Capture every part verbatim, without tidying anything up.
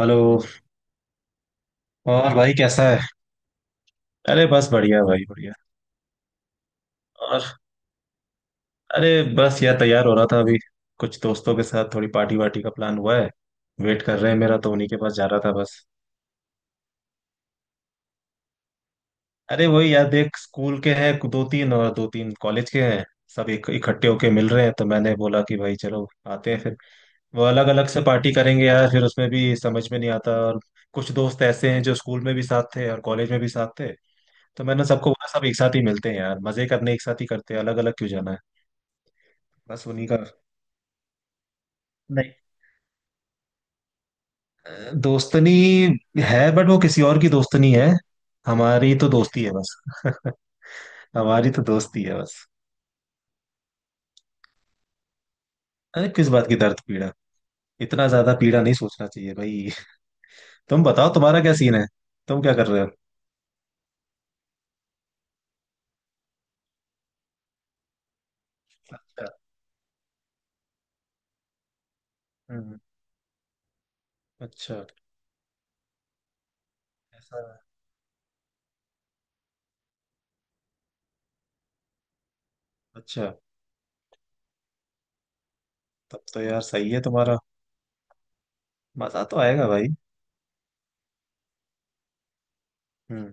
Hello. और भाई कैसा है? अरे बस बढ़िया भाई बढ़िया। और। अरे बस यार तैयार हो रहा था अभी। कुछ दोस्तों के साथ थोड़ी पार्टी वार्टी का प्लान हुआ है। वेट कर रहे हैं, मेरा तो उन्हीं के पास जा रहा था बस। अरे वही यार, देख स्कूल के हैं दो तीन और दो तीन कॉलेज के हैं। सब एक इकट्ठे होके मिल रहे हैं, तो मैंने बोला कि भाई चलो आते हैं फिर। वो अलग अलग से पार्टी करेंगे यार, फिर उसमें भी समझ में नहीं आता। और कुछ दोस्त ऐसे हैं जो स्कूल में भी साथ थे और कॉलेज में भी साथ थे। तो मैंने सबको बोला सब एक साथ ही मिलते हैं यार, मजे करने एक साथ ही करते हैं, अलग अलग क्यों जाना है। बस उन्हीं का। नहीं। अ, दोस्तनी है, बट वो किसी और की दोस्तनी है। हमारी तो दोस्ती है बस। हमारी तो दोस्ती है बस। अरे किस बात की दर्द पीड़ा। इतना ज्यादा पीड़ा नहीं सोचना चाहिए भाई। तुम बताओ तुम्हारा क्या सीन है। तुम क्या कर रहे हो? अच्छा। हम्म। अच्छा। ऐसा है। अच्छा। तब तो यार सही है तुम्हारा। मजा तो आएगा भाई। हम्म।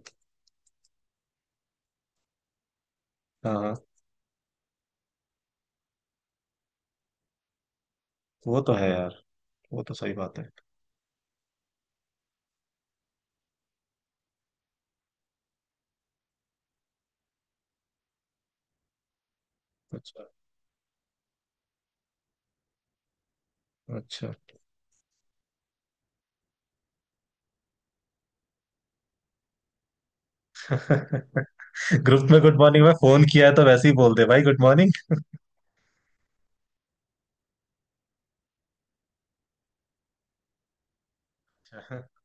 हाँ, हाँ। वो तो है यार। वो तो सही बात है। अच्छा। अच्छा। ग्रुप में गुड मॉर्निंग में फोन किया है तो वैसे ही बोल दे भाई गुड मॉर्निंग।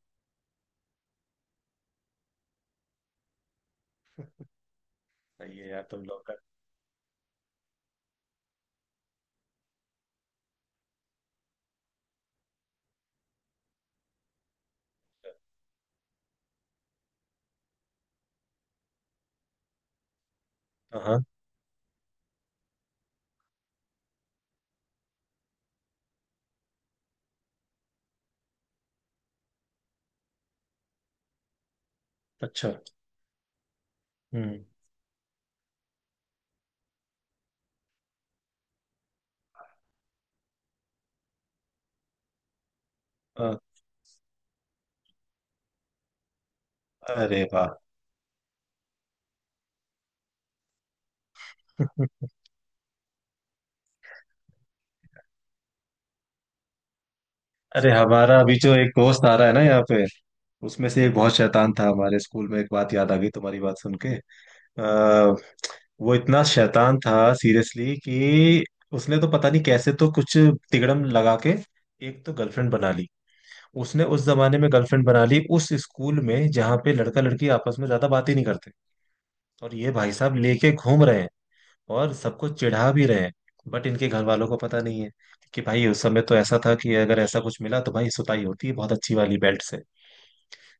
सही है यार तुम लोग का। हाँ। अच्छा। हम्म। हाँ। अरे वाह। अरे हमारा अभी जो एक दोस्त आ रहा है ना यहाँ पे, उसमें से एक बहुत शैतान था हमारे स्कूल में। एक बात याद आ गई तुम्हारी बात सुन के। आ, वो इतना शैतान था सीरियसली कि उसने तो पता नहीं कैसे तो कुछ तिकड़म लगा के एक तो गर्लफ्रेंड बना ली। उसने उस जमाने में गर्लफ्रेंड बना ली, उस स्कूल में जहाँ पे लड़का लड़की आपस में ज्यादा बात ही नहीं करते। और ये भाई साहब लेके घूम रहे हैं। और सबको चिढ़ा भी रहे हैं। बट इनके घर वालों को पता नहीं है कि भाई उस समय तो ऐसा था कि अगर ऐसा कुछ मिला तो भाई सुताई होती है बहुत अच्छी वाली बेल्ट से।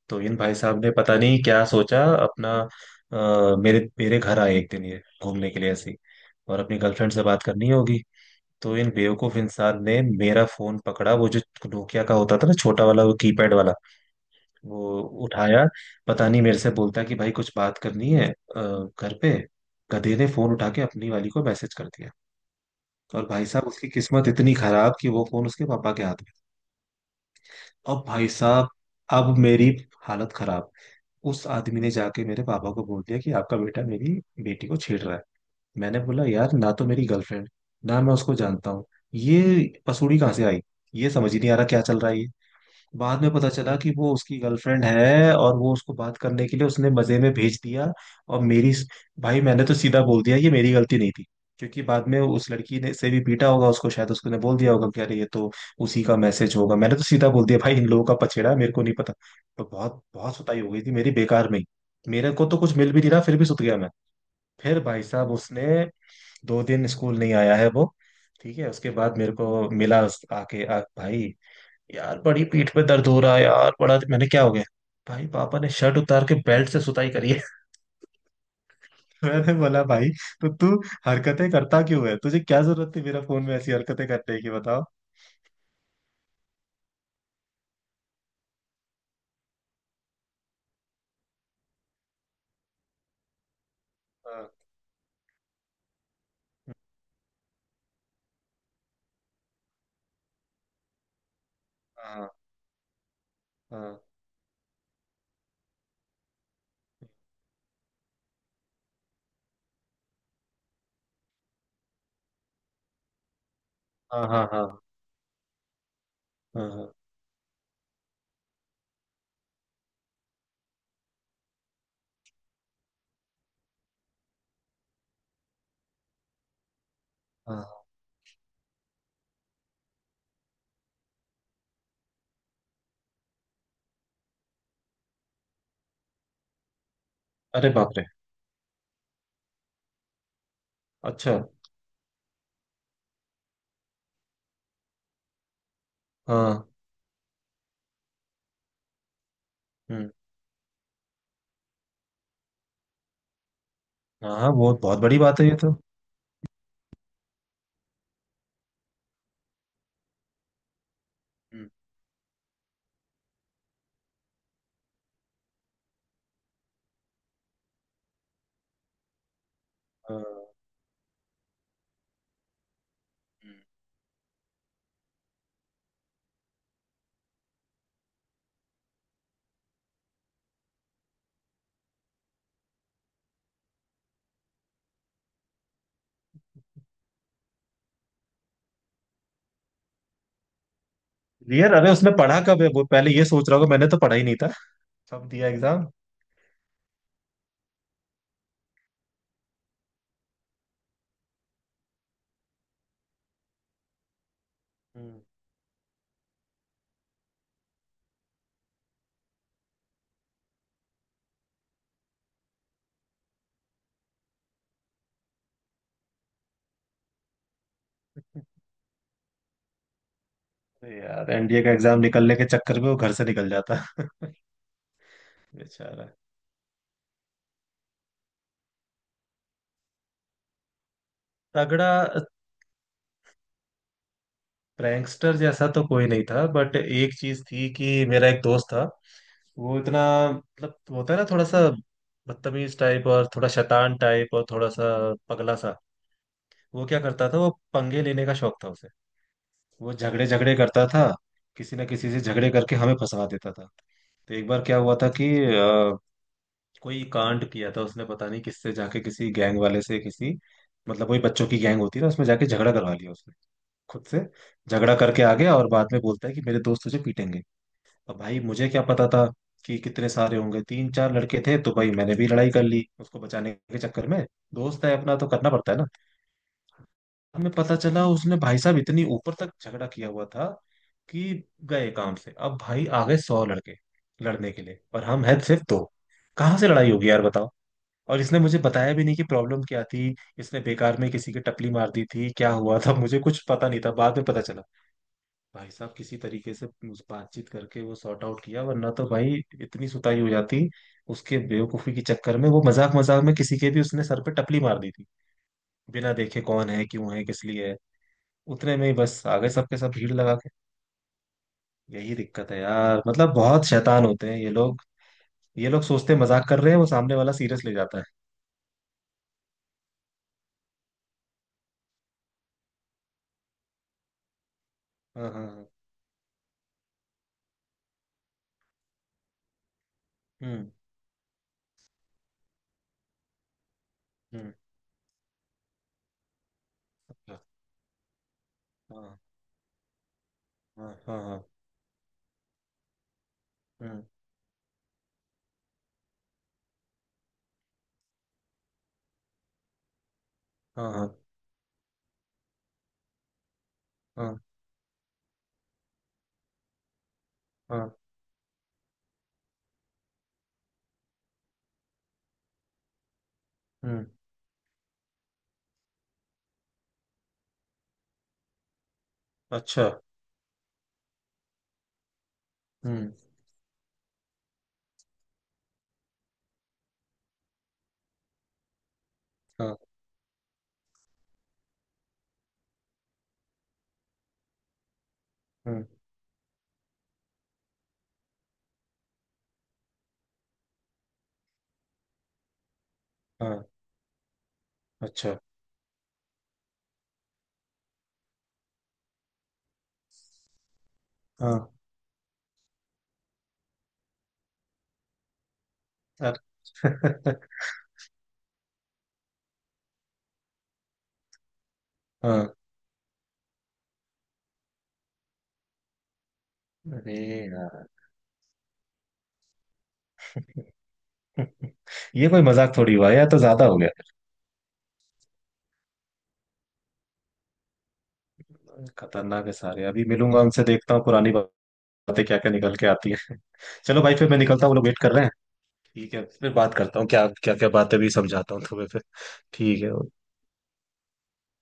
तो इन भाई साहब ने पता नहीं क्या सोचा अपना। अ, मेरे मेरे घर आए एक दिन ये घूमने के लिए ऐसे ही, और अपनी गर्लफ्रेंड से बात करनी होगी। तो इन बेवकूफ इंसान ने मेरा फोन पकड़ा, वो जो नोकिया का होता था ना छोटा वाला, वो कीपैड वाला। वो उठाया। पता नहीं, मेरे से बोलता है कि भाई कुछ बात करनी है अ, घर पे। गधे ने फोन उठा के अपनी वाली को मैसेज कर दिया। और भाई साहब उसकी किस्मत इतनी खराब कि वो फोन उसके पापा के हाथ में था। अब भाई साहब, अब मेरी हालत खराब। उस आदमी ने जाके मेरे पापा को बोल दिया कि आपका बेटा मेरी बेटी को छेड़ रहा है। मैंने बोला यार, ना तो मेरी गर्लफ्रेंड, ना मैं उसको जानता हूँ। ये पसूड़ी कहाँ से आई? ये समझ ही नहीं आ रहा क्या चल रहा है ये। बाद में पता चला कि वो उसकी गर्लफ्रेंड है और वो उसको बात करने के लिए उसने मजे में भेज दिया। और मेरी, भाई मैंने तो सीधा बोल दिया ये मेरी गलती नहीं थी, क्योंकि बाद में उस लड़की ने से भी पीटा होगा उसको, शायद उसको ने बोल दिया होगा कि अरे ये तो उसी का मैसेज होगा। मैंने तो सीधा बोल दिया भाई इन लोगों का पछेड़ा है, मेरे को नहीं पता। तो बहुत बहुत सुताई हो गई थी मेरी बेकार में ही। मेरे को तो कुछ मिल भी नहीं रहा, फिर भी सुत गया मैं। फिर भाई साहब उसने दो दिन स्कूल नहीं आया है वो। ठीक है, उसके बाद मेरे को मिला आके। आ, भाई यार बड़ी पीठ पे दर्द हो रहा है यार, बड़ा मैंने क्या हो गया। भाई पापा ने शर्ट उतार के बेल्ट से सुताई करी है। मैंने बोला भाई तो तू हरकतें करता क्यों है? तुझे क्या जरूरत थी मेरा फोन में ऐसी हरकतें करने की? बताओ। हाँ, हाँ, हाँ, हाँ। हाँ, हाँ, हाँ, हाँ। हाँ। अरे बाप रे। अच्छा। हाँ। हम्म। हाँ बहुत बहुत बड़ी बात है ये तो। हम्म। हाँ। हम्म। यार अरे उसने पढ़ा कब है, वो पहले ये सोच रहा होगा मैंने तो पढ़ा ही नहीं था। कब दिया एग्जाम। हम्म। अरे यार एन डी ए का एग्जाम निकलने के चक्कर में वो घर से निकल जाता बेचारा। तगड़ा प्रैंकस्टर जैसा तो कोई नहीं था, बट एक चीज थी कि मेरा एक दोस्त था वो इतना, मतलब होता है ना थोड़ा सा बदतमीज टाइप और थोड़ा शैतान टाइप और थोड़ा सा पगला सा। वो क्या करता था, वो पंगे लेने का शौक था उसे। वो झगड़े झगड़े करता था। किसी ना किसी से झगड़े करके हमें फंसा देता था। तो एक बार क्या हुआ था कि अ, कोई कांड किया था उसने, पता नहीं किससे जाके किसी गैंग वाले से, किसी, मतलब वही बच्चों की गैंग होती है ना, उसमें जाके झगड़ा करवा लिया उसने खुद से। झगड़ा करके आ गया और बाद में बोलता है कि मेरे दोस्त तुझे पीटेंगे। अब भाई मुझे क्या पता था कि कितने सारे होंगे? तीन चार लड़के थे तो भाई मैंने भी लड़ाई कर ली उसको बचाने के चक्कर में। दोस्त है अपना तो करना पड़ता है ना। हमें पता चला उसने भाई साहब इतनी ऊपर तक झगड़ा किया हुआ था कि गए काम से। अब भाई आ गए सौ लड़के लड़ने के लिए और हम हैं सिर्फ दो। कहाँ से लड़ाई होगी यार, बताओ। और इसने मुझे बताया भी नहीं कि प्रॉब्लम क्या थी। इसने बेकार में किसी की टपली मार दी थी, क्या हुआ था मुझे कुछ पता नहीं था, बाद में पता चला। भाई साहब किसी तरीके से उस बातचीत करके वो सॉर्ट आउट किया, वरना तो भाई इतनी सुताई हो जाती उसके बेवकूफी के चक्कर में। वो मजाक मजाक में किसी के भी उसने सर पे टपली मार दी थी, बिना देखे कौन है क्यों है किस लिए है। उतने में ही बस आ गए सबके सब भीड़ लगा के। यही दिक्कत है यार, मतलब बहुत शैतान होते हैं ये लोग। ये लोग सोचते हैं मजाक कर रहे हैं, वो सामने वाला सीरियस ले जाता है। हाँ, हाँ, हाँ। हम्म। हम्म। अच्छा, हाँ, हाँ, हाँ, हाँ। हम्म। हाँ, हाँ, हाँ, हाँ। हम्म। अच्छा। हम्म। हाँ। हम्म। हाँ। अच्छा। हाँ। सर। हाँ। अरे यार। ये कोई मजाक थोड़ी हुआ यार, तो ज्यादा हो गया। खतरनाक है सारे। अभी मिलूंगा उनसे, देखता हूँ पुरानी बातें क्या क्या निकल के आती है। चलो भाई फिर मैं निकलता हूँ, वो लोग वेट कर रहे हैं। ठीक है, फिर बात करता हूँ, क्या क्या क्या बातें भी समझाता हूँ तुम्हें फिर। ठीक है।